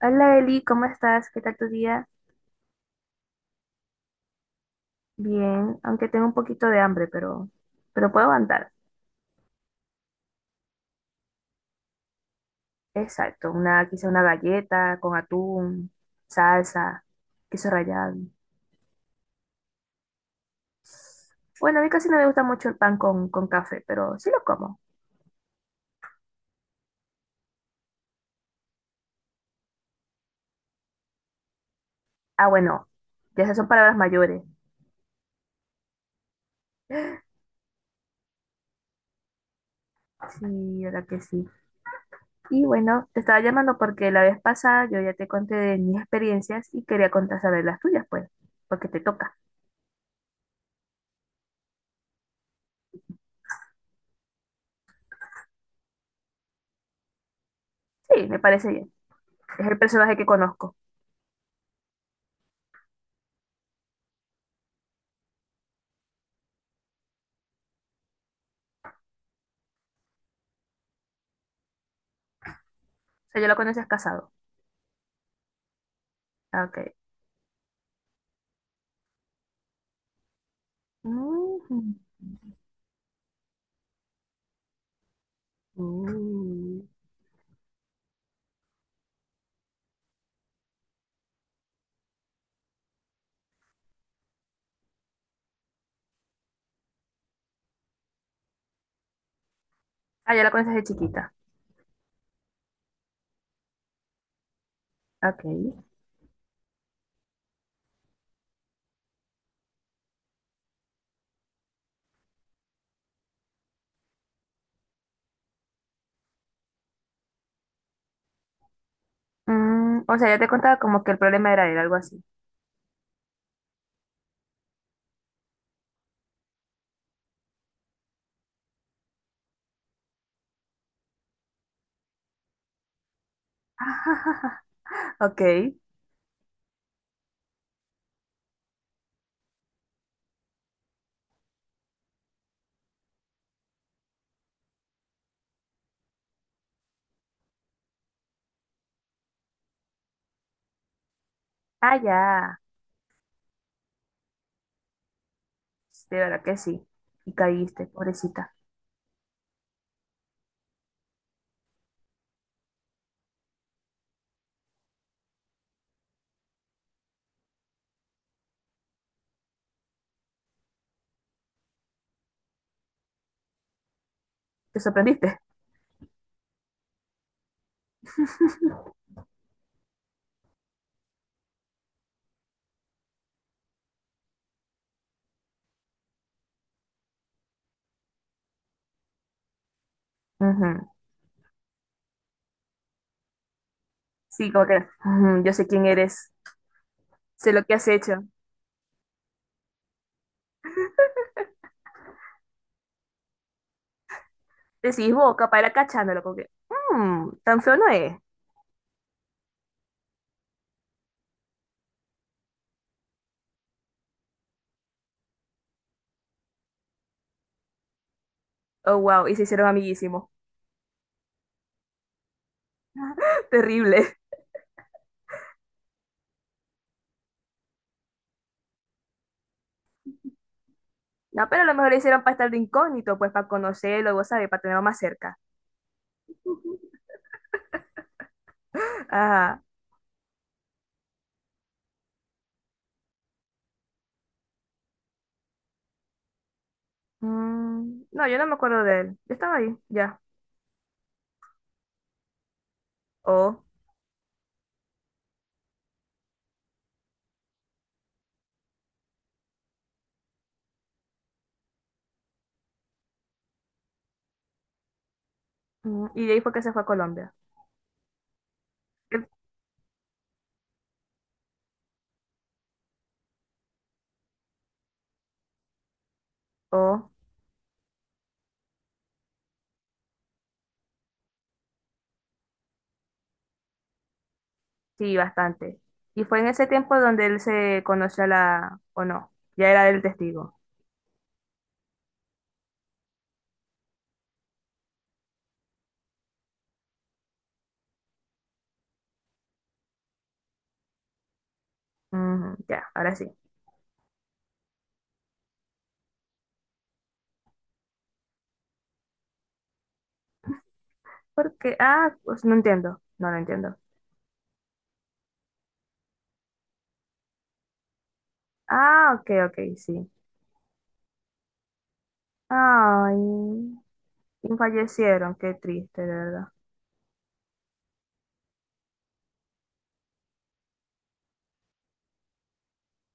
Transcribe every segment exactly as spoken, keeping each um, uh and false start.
Hola Eli, ¿cómo estás? ¿Qué tal tu día? Bien, aunque tengo un poquito de hambre, pero, pero puedo aguantar. Exacto, una, quizá una galleta con atún, salsa, queso rallado. Bueno, a mí casi no me gusta mucho el pan con, con café, pero sí lo como. Ah, bueno, ya esas son palabras mayores. Sí, verdad que sí. Y bueno, te estaba llamando porque la vez pasada yo ya te conté de mis experiencias y quería contar sobre las tuyas, pues, porque te toca. Sí, me parece bien. Es el personaje que conozco. O sea, yo lo conoces casado. Ok. Mm, mm. Ah, ya la conoces de chiquita. Ok. Mm, o sea, ya te contaba como que el problema era él, algo así. Ok. Ah, ya. De verdad que sí. Y caíste, pobrecita. Te sorprendiste. Ujú. Sí, como que ujú, yo sé quién eres. Sé lo que has hecho. Decís vos, capaz era cachándolo, como que, mmm, tan feo no es. Oh, wow, y se hicieron amiguísimos. Terrible. No, pero a lo mejor lo hicieron para estar de incógnito, pues para conocerlo, vos sabés, para tenerlo más cerca. Ajá. Mm, no, yo no me acuerdo de él. Yo estaba ahí, ya. Oh. Mm, y de ahí fue que se fue a Colombia. Él. Oh, sí, bastante. Y fue en ese tiempo donde él se conoció a la... o no, ya era el testigo. Ujú, ya, ahora sí. Porque, ah, pues no entiendo, no lo entiendo. Ah, ok, ok, sí. Ay, y fallecieron, qué triste, de verdad.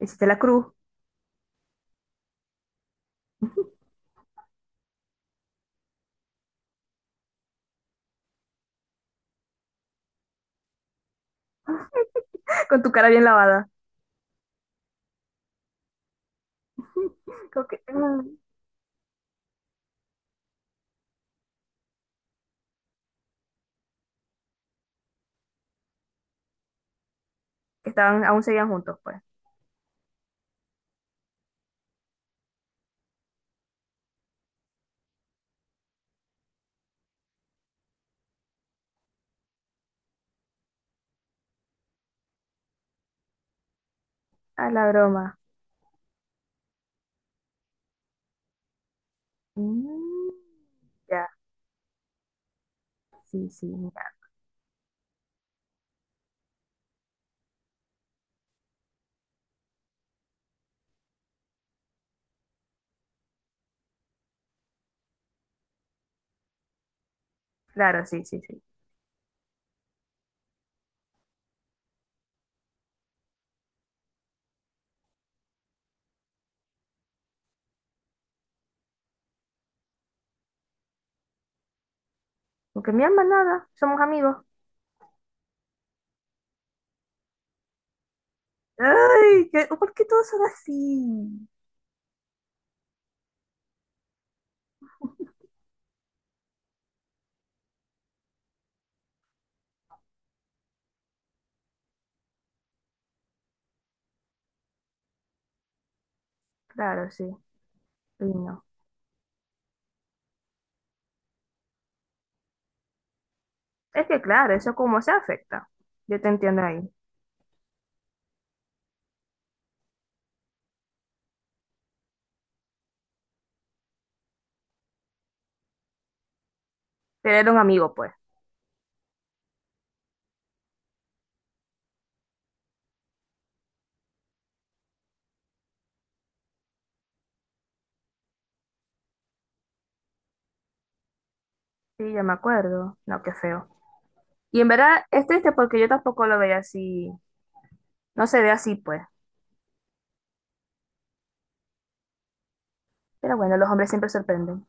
Hiciste la cruz. Con tu cara bien lavada. Como que, mm, que estaban, aún seguían juntos, pues. Ah, la broma. Mm, ya, sí, sí, ya. Claro, sí, sí, sí. Porque mi alma nada, somos amigos. Ay, que, ¿por qué todos son así? Claro, sí, y no. Es que claro, eso como se afecta. Yo te entiendo ahí. Pero era un amigo, pues. Sí, ya me acuerdo. No, qué feo. Y en verdad es triste porque yo tampoco lo veía así. No se ve así, pues. Pero bueno, los hombres siempre sorprenden.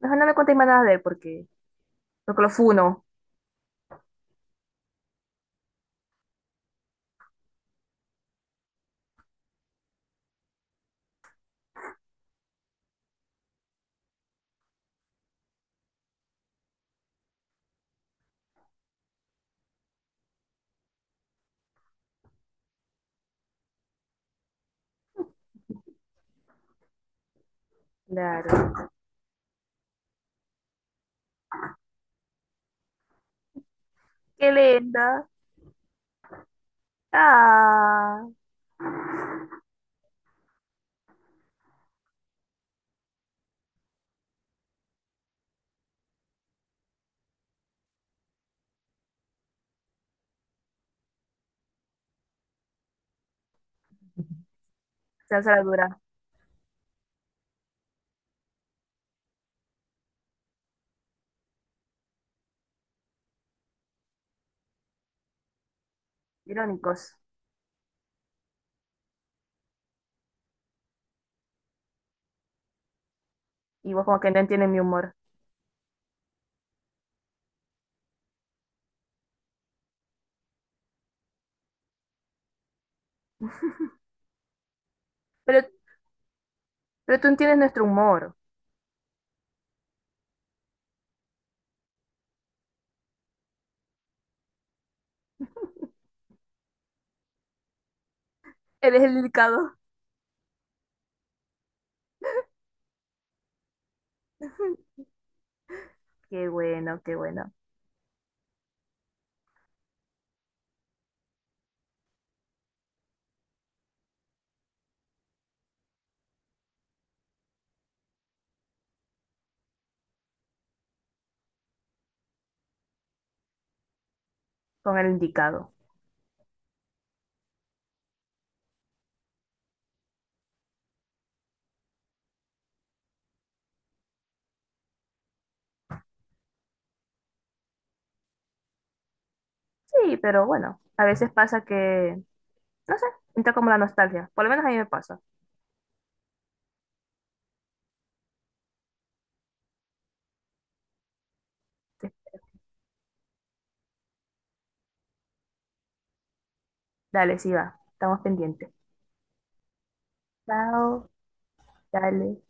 Mejor no me contéis más nada de él porque, porque lo funo. Claro. Qué linda. Ah. Salsa la dura. Irónicos. Y vos como que no entiendes mi humor. Pero, pero tú entiendes nuestro humor. Eres el indicado. Qué bueno, qué bueno. Con el indicado. Sí, pero bueno. A veces pasa que, no sé, entra como la nostalgia. Por lo menos a mí me pasa. Sí. Dale, sí va. Estamos pendientes. Chao. Dale.